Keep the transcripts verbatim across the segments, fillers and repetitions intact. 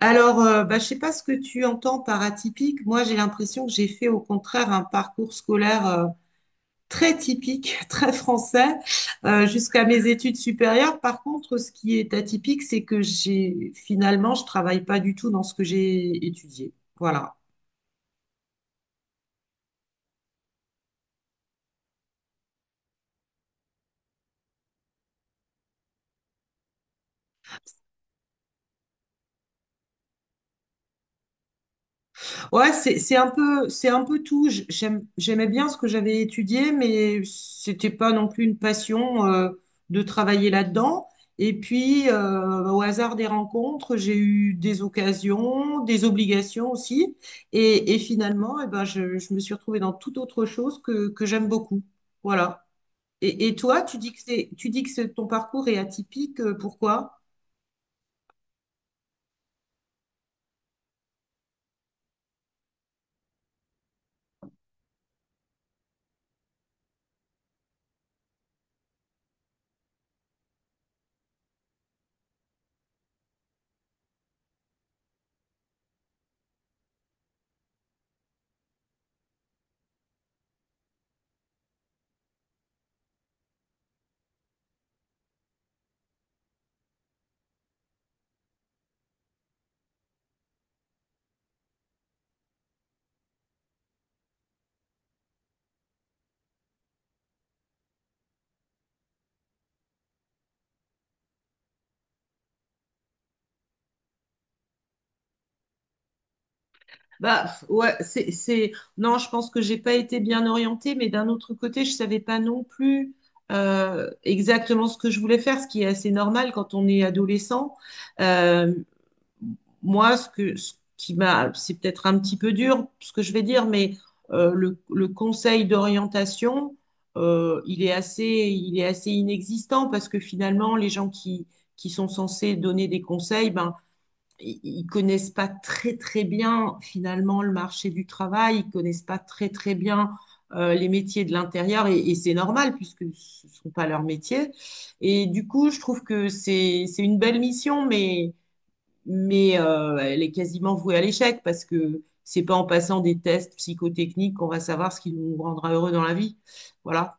Alors, euh, bah, je sais pas ce que tu entends par atypique. Moi, j'ai l'impression que j'ai fait au contraire un parcours scolaire euh, très typique, très français, euh, jusqu'à mes études supérieures. Par contre, ce qui est atypique, c'est que j'ai finalement, je travaille pas du tout dans ce que j'ai étudié. Voilà. Ouais, c'est c'est un peu c'est un peu tout. J- j'aime- j'aimais bien ce que j'avais étudié, mais c'était pas non plus une passion euh, de travailler là-dedans. Et puis euh, au hasard des rencontres, j'ai eu des occasions, des obligations aussi, et, et finalement, eh ben, je, je me suis retrouvée dans toute autre chose que que j'aime beaucoup. Voilà. Et, et toi, tu dis que c'est tu dis que c'est- ton parcours est atypique. euh, Pourquoi? Bah ouais, c'est, c'est... Non, je pense que j'ai pas été bien orientée, mais d'un autre côté, je savais pas non plus euh, exactement ce que je voulais faire, ce qui est assez normal quand on est adolescent. Euh, Moi, ce que, ce qui m'a, c'est peut-être un petit peu dur, ce que je vais dire, mais euh, le, le conseil d'orientation, euh, il est assez, il est assez inexistant parce que finalement, les gens qui, qui sont censés donner des conseils, ben ils connaissent pas très très bien finalement le marché du travail, ils connaissent pas très très bien euh, les métiers de l'intérieur et, et c'est normal puisque ce sont pas leurs métiers. Et du coup, je trouve que c'est c'est une belle mission, mais mais euh, elle est quasiment vouée à l'échec parce que c'est pas en passant des tests psychotechniques qu'on va savoir ce qui nous rendra heureux dans la vie. Voilà.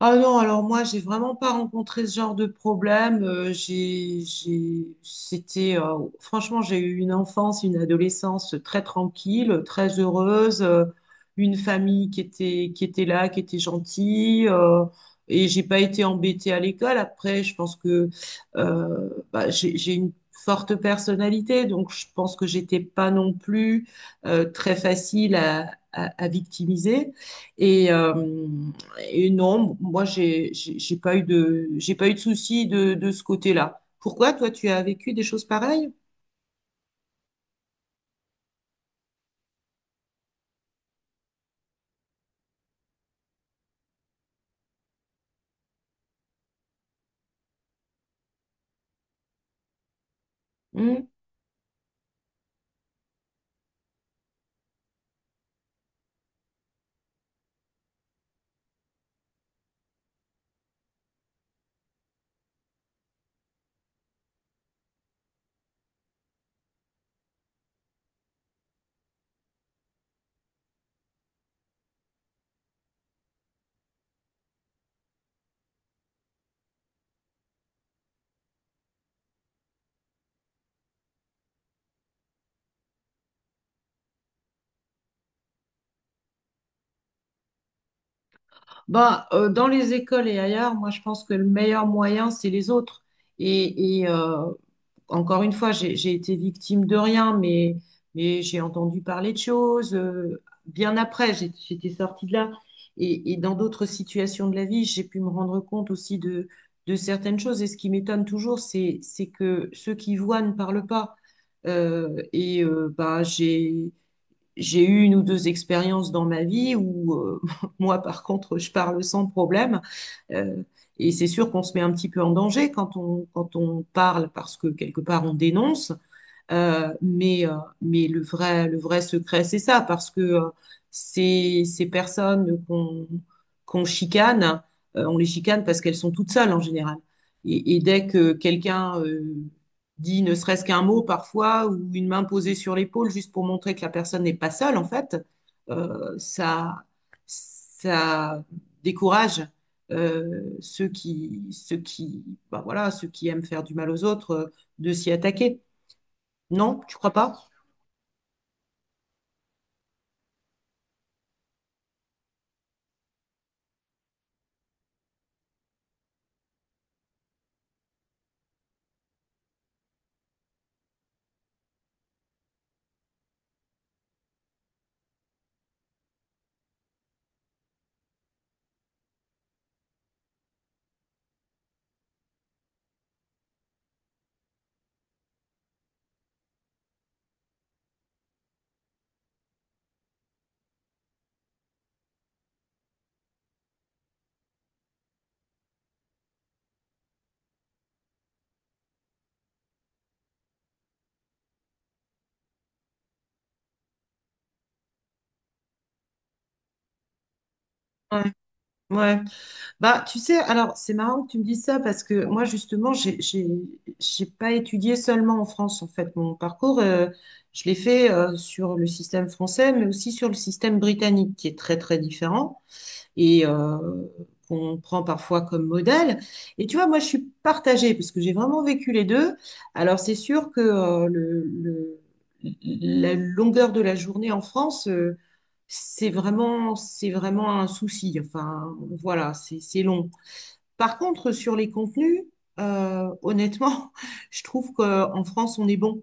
Ah non, alors moi, j'ai vraiment pas rencontré ce genre de problème. Euh, j'ai, j'ai, c'était, euh, franchement, j'ai eu une enfance, une adolescence très tranquille, très heureuse, euh, une famille qui était, qui était là, qui était gentille, euh, et j'ai pas été embêtée à l'école. Après, je pense que euh, bah, j'ai, j'ai une forte personnalité, donc je pense que j'étais pas non plus euh, très facile à, à, à victimiser. Et, euh, et non, moi, j'ai, j'ai j'ai pas eu de, j'ai pas eu de soucis de, de ce côté-là. Pourquoi, toi, tu as vécu des choses pareilles? Hmm. Ben, euh, dans les écoles et ailleurs, moi, je pense que le meilleur moyen, c'est les autres. Et, et, euh, encore une fois, j'ai j'ai été victime de rien, mais, mais j'ai entendu parler de choses. Euh, bien après, j'ai- j'étais sortie de là. Et, et dans d'autres situations de la vie, j'ai pu me rendre compte aussi de, de certaines choses. Et ce qui m'étonne toujours, c'est, c'est que ceux qui voient ne parlent pas. Euh, et euh, bah, j'ai, j'ai eu une ou deux expériences dans ma vie où euh, moi, par contre, je parle sans problème. Euh, et c'est sûr qu'on se met un petit peu en danger quand on, quand on parle parce que quelque part on dénonce. Euh, mais euh, mais le vrai, le vrai secret, c'est ça, parce que euh, ces, ces personnes qu'on qu'on chicane, euh, on les chicane parce qu'elles sont toutes seules en général. Et, et dès que quelqu'un euh, dit ne serait-ce qu'un mot parfois, ou une main posée sur l'épaule, juste pour montrer que la personne n'est pas seule, en fait, euh, ça, ça décourage euh, ceux qui, ceux qui, bah voilà, ceux qui aiment faire du mal aux autres euh, de s'y attaquer. Non, tu crois pas? Ouais, ouais. Bah, tu sais, alors c'est marrant que tu me dises ça parce que moi justement, j'ai j'ai j'ai pas étudié seulement en France en fait. Mon parcours, euh, je l'ai fait euh, sur le système français, mais aussi sur le système britannique qui est très très différent. Et euh, qu'on prend parfois comme modèle. Et tu vois, moi, je suis partagée parce que j'ai vraiment vécu les deux. Alors, c'est sûr que euh, le, le- la longueur de la journée en France, euh, c'est vraiment, c'est vraiment un souci. Enfin, voilà, c'est c'est long. Par contre, sur les contenus, euh, honnêtement, je trouve qu'en France, on est bon.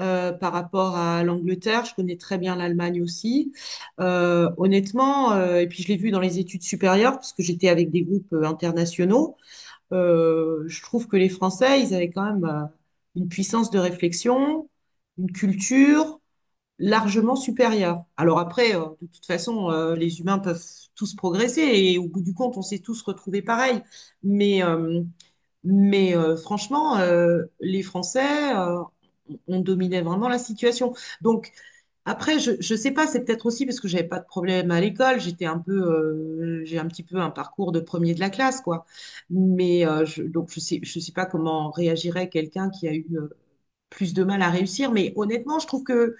Euh, par rapport à l'Angleterre, je connais très bien l'Allemagne aussi. Euh, honnêtement, euh, et puis je l'ai vu dans les études supérieures, parce que j'étais avec des groupes euh, internationaux, euh, je trouve que les Français, ils avaient quand même euh, une puissance de réflexion, une culture, largement supérieur. Alors après, euh, de toute façon, euh, les humains peuvent tous progresser et au bout du compte, on s'est tous retrouvés pareil. Mais, euh, mais euh, franchement, euh, les Français, euh, on dominait vraiment la situation. Donc après, je, je sais pas, c'est peut-être aussi parce que j'avais pas de problème à l'école, j'étais un peu, euh, j'ai un petit peu un parcours de premier de la classe, quoi. Mais euh, je, donc je sais, je sais pas comment réagirait quelqu'un qui a eu euh, plus de mal à réussir. Mais honnêtement, je trouve que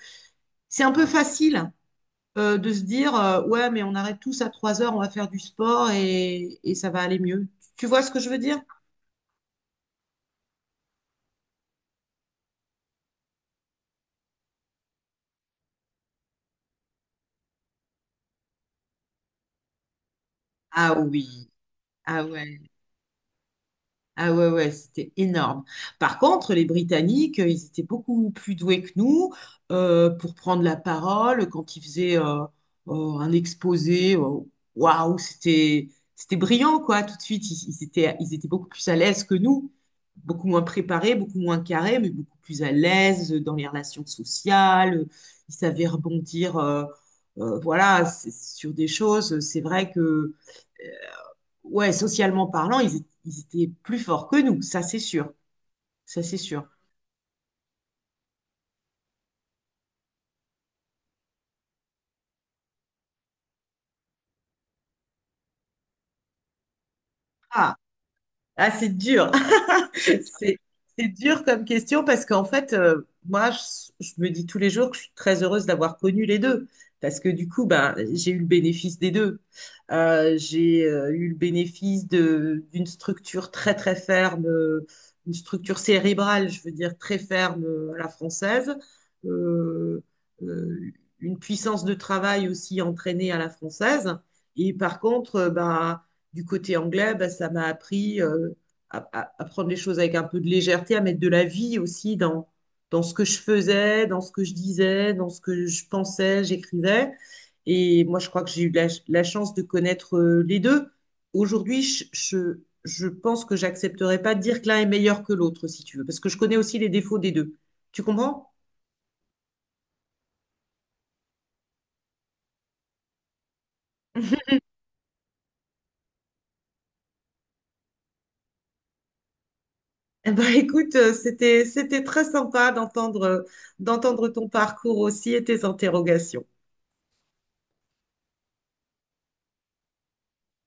c'est un peu facile euh, de se dire euh, ouais, mais on arrête tous à trois heures, on va faire du sport et, et ça va aller mieux. Tu vois ce que je veux dire? Ah oui, ah ouais. Ah ouais, ouais, c'était énorme. Par contre, les Britanniques, euh, ils étaient beaucoup plus doués que nous euh, pour prendre la parole quand ils faisaient euh, euh, un exposé. euh, Waouh, c'était c'était brillant, quoi, tout de suite. Ils, ils étaient, ils étaient beaucoup plus à l'aise que nous, beaucoup moins préparés, beaucoup moins carrés, mais beaucoup plus à l'aise dans les relations sociales. Ils savaient rebondir, euh, euh, voilà, c'est- sur des choses. C'est vrai que ouais, socialement parlant, ils, é- ils étaient plus forts que nous, ça c'est sûr, ça c'est sûr. Ah, ah c'est dur. C'est c'est dur comme question parce qu'en fait, euh, moi, je, je me dis tous les jours que je suis très heureuse d'avoir connu les deux. Parce que du coup, ben, j'ai eu le bénéfice des deux. Euh, j'ai euh, eu le bénéfice de, d'une structure très, très ferme, euh, une structure cérébrale, je veux dire, très ferme euh, à la française. Euh, euh, une puissance de travail aussi entraînée à la française. Et par contre, euh, ben, du côté anglais, ben, ça m'a appris. euh, à, à- à prendre les choses avec un peu de légèreté, à mettre de la vie aussi dans, dans ce que je faisais, dans ce que je disais, dans ce que je pensais, j'écrivais. Et moi, je crois que j'ai eu la, la chance de connaître euh, les deux. Aujourd'hui, je, je, je pense que j'accepterais pas de dire que l'un est meilleur que l'autre, si tu veux, parce que je connais aussi les défauts des deux. Tu comprends? Eh ben, écoute, euh, c'était, c'était très sympa d'entendre, euh, d'entendre ton parcours aussi et tes interrogations.